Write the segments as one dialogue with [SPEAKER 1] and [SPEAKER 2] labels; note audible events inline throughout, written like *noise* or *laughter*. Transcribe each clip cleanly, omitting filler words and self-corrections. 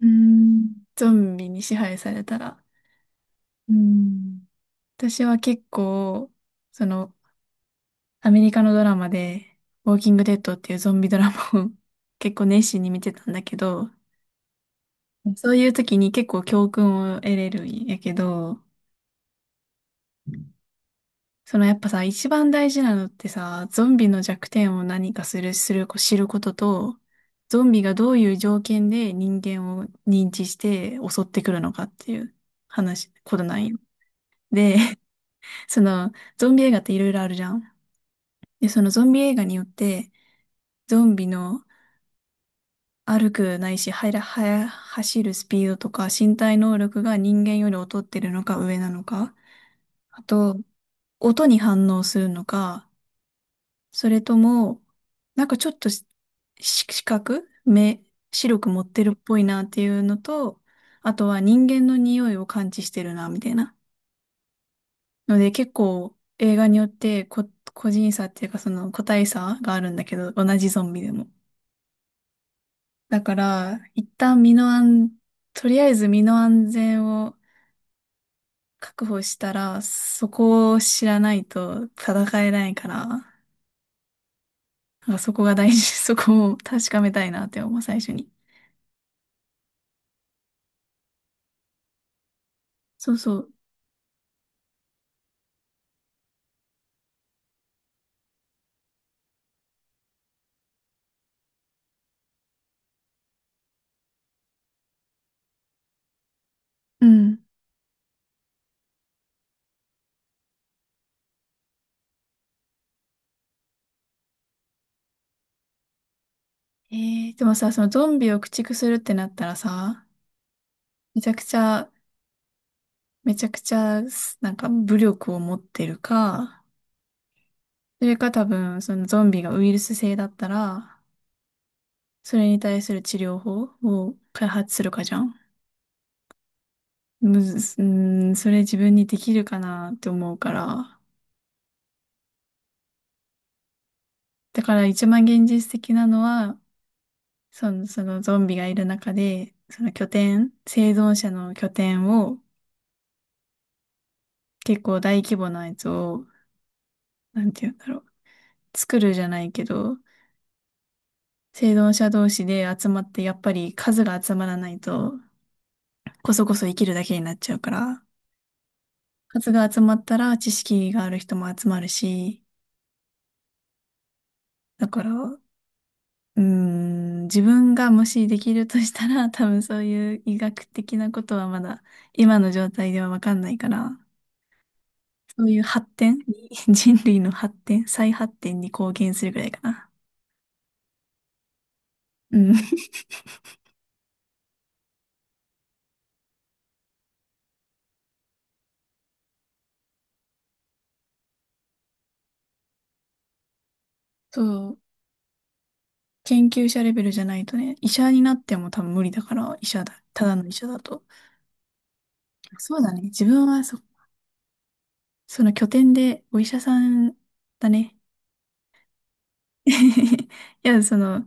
[SPEAKER 1] うーん、ゾンビに支配されたら。うーん、私は結構、その、アメリカのドラマで、ウォーキングデッドっていうゾンビドラマを *laughs* 結構熱心に見てたんだけど、そういう時に結構教訓を得れるんやけど、やっぱさ、一番大事なのってさ、ゾンビの弱点を何かする、する、知ることと、ゾンビがどういう条件で人間を認知して襲ってくるのかっていうことなんよ。で、その、ゾンビ映画っていろいろあるじゃん。で、そのゾンビ映画によって、ゾンビの歩くないし、はや、はや、走るスピードとか、身体能力が人間より劣ってるのか上なのか、あと、音に反応するのか、それとも、なんかちょっと視覚、目、白く持ってるっぽいなっていうのと、あとは人間の匂いを感知してるな、みたいな。ので結構映画によって個人差っていうかその個体差があるんだけど、同じゾンビでも。だから、一旦身の安、とりあえず身の安全を確保したら、そこを知らないと戦えないから、なんかそこが大事、*laughs* そこを確かめたいなって思う、最初に。そうそう。うん。でもさ、そのゾンビを駆逐するってなったらさ、めちゃくちゃ、めちゃくちゃ、なんか武力を持ってるか、それか多分、そのゾンビがウイルス性だったら、それに対する治療法を開発するかじゃん。むず、うーん、それ自分にできるかなって思うから。だから一番現実的なのは、そのゾンビがいる中で、その拠点、生存者の拠点を結構大規模なやつを、なんて言うんだろう。作るじゃないけど、生存者同士で集まって、やっぱり数が集まらないと、こそこそ生きるだけになっちゃうから。数が集まったら知識がある人も集まるし、だから、自分がもしできるとしたら、*laughs* 多分そういう医学的なことはまだ今の状態ではわかんないから、そういう発展に、*laughs* 人類の発展、再発展に貢献するぐらいかな。うん。*laughs* そう。研究者レベルじゃないとね、医者になっても多分無理だから、医者だ。ただの医者だと。そうだね。自分はその拠点でお医者さんだね。*laughs* いや、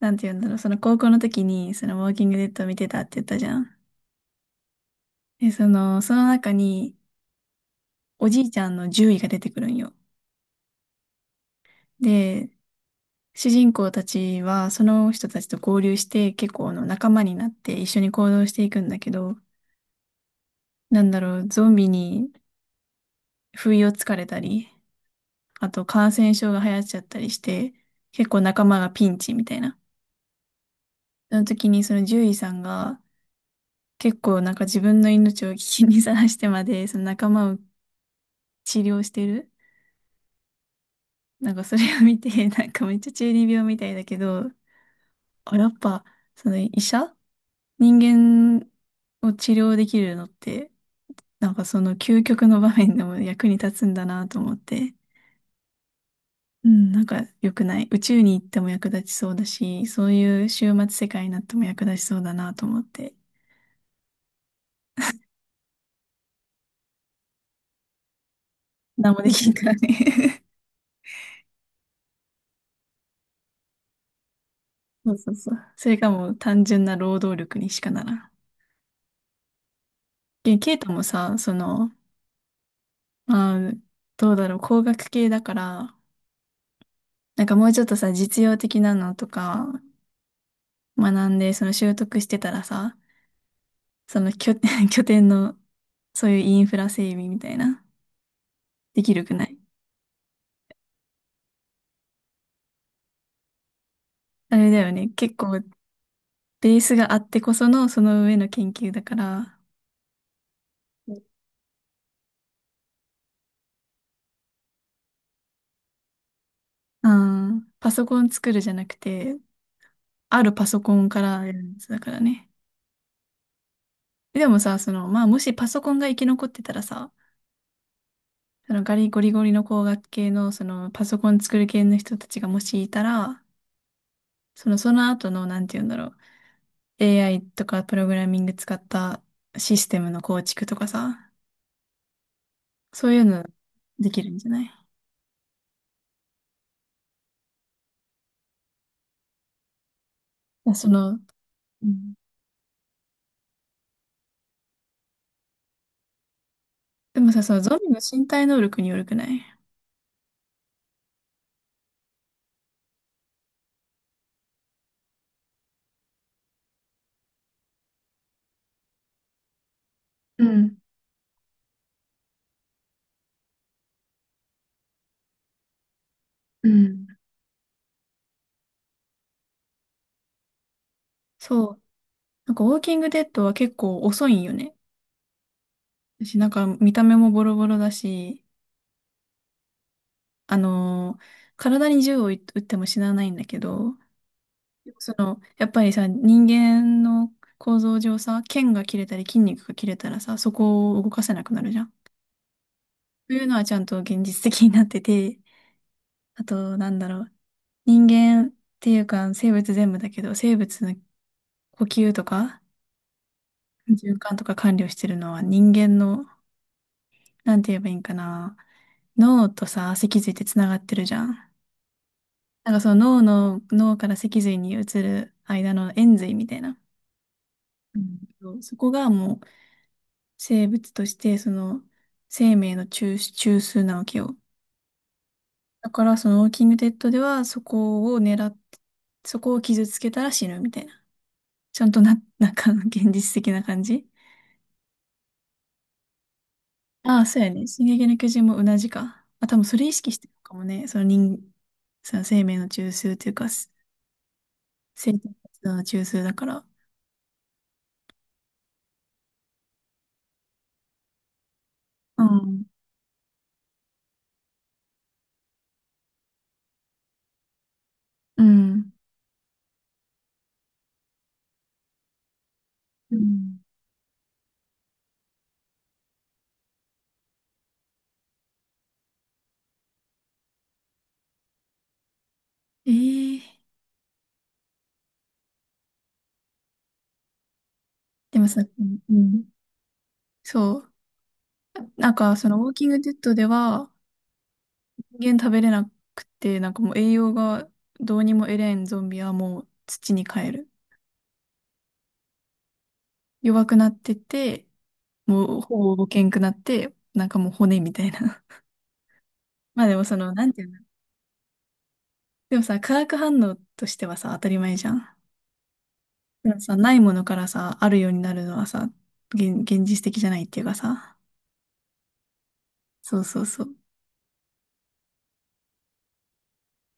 [SPEAKER 1] なんて言うんだろう、その高校の時に、そのウォーキングデッドを見てたって言ったじゃん。で、その中に、おじいちゃんの獣医が出てくるんよ。で、主人公たちは、その人たちと合流して、結構あの仲間になって一緒に行動していくんだけど、なんだろう、ゾンビに不意をつかれたり、あと感染症が流行っちゃったりして、結構仲間がピンチみたいな。その時にその獣医さんが、結構なんか自分の命を危機にさらしてまで、その仲間を治療してる。なんかそれを見て、なんかめっちゃ中二病みたいだけど、あ、やっぱ、その医者人間を治療できるのって、なんかその究極の場面でも役に立つんだなと思って、うん、なんか良くない？宇宙に行っても役立ちそうだし、そういう終末世界になっても役立ちそうだなと思って、何もできんからね。*laughs* そうそうそう。それかもう単純な労働力にしかならん。でケイトもさ、まあ、どうだろう、工学系だから、なんかもうちょっとさ、実用的なのとか学んで、その習得してたらさ、その拠点、*laughs* 拠点の、そういうインフラ整備みたいな、できるくない？あれだよね。結構、ベースがあってこその、その上の研究だから、うん、パソコン作るじゃなくて、あるパソコンからやるやつだからね。でもさ、まあ、もしパソコンが生き残ってたらさ、そのガリゴリゴリの工学系の、パソコン作る系の人たちがもしいたら、その後の、なんて言うんだろう。AI とかプログラミング使ったシステムの構築とかさ、そういうのできるんじゃない？いやうん、でもさ、そのゾンビの身体能力によるくない？うん、うん。そう。なんかウォーキングデッドは結構遅いんよね。私なんか見た目もボロボロだし、あのー体に銃を撃っても死なないんだけど、やっぱりさ、人間の構造上さ、腱が切れたり筋肉が切れたらさ、そこを動かせなくなるじゃん。というのはちゃんと現実的になってて、*laughs* あと、なんだろう。人間っていうか、生物全部だけど、生物の呼吸とか、循環とか管理をしてるのは人間の、なんて言えばいいんかな。脳とさ、脊髄ってつながってるじゃん。なんか脳から脊髄に移る間の延髄みたいな。うんそこがもう生物として、その生命の中枢なわけよ。だからそのウォーキングデッドではそこを狙って、そこを傷つけたら死ぬみたいな。ちゃんとな、*laughs* なんか現実的な感じ。ああ、そうやね。進撃の巨人も同じか。あ、多分それ意識してるのかもね。その人、その生命の中枢というか、生体活動の中枢だから。うん。うん。うんええでもさ、うん。うんそう。なんかそのウォーキングデッドでは、人間食べれなくて、なんかもう栄養がどうにも得れんゾンビはもう土に帰る。弱くなってて、もうほぼけんくなって、なんかもう骨みたいな。*laughs* まあでもなんていうの。でもさ、化学反応としてはさ、当たり前じゃん。でもさ、ないものからさ、あるようになるのはさ、現実的じゃないっていうかさ。そうそうそう。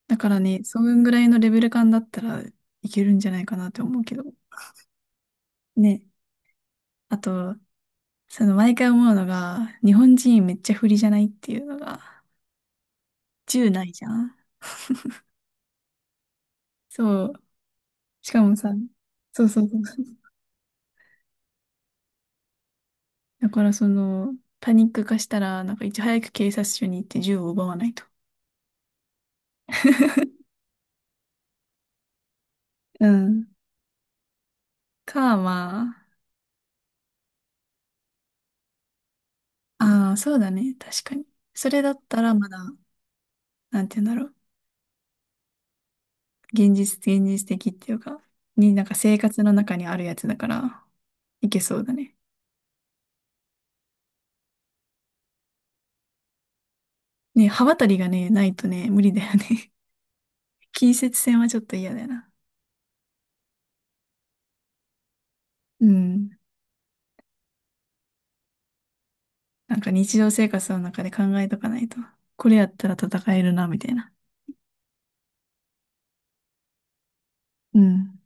[SPEAKER 1] だからね、そんぐらいのレベル感だったらいけるんじゃないかなって思うけど。ね。あと、毎回思うのが、日本人めっちゃ不利じゃないっていうのが、銃ないじゃん。そう。しかもさ、そうそうそう。だからパニック化したら、なんかいち早く警察署に行って銃を奪わないと。うん。まあ、ああ、そうだね。確かに。それだったらまだ、なんて言うんだろう。現実的っていうか、になんか生活の中にあるやつだから、いけそうだね。ね、刃渡りがね、ないとね、無理だよね。*laughs* 近接戦はちょっと嫌だよな。うん。なんか日常生活の中で考えとかないと。これやったら戦えるな、みたいな。うん。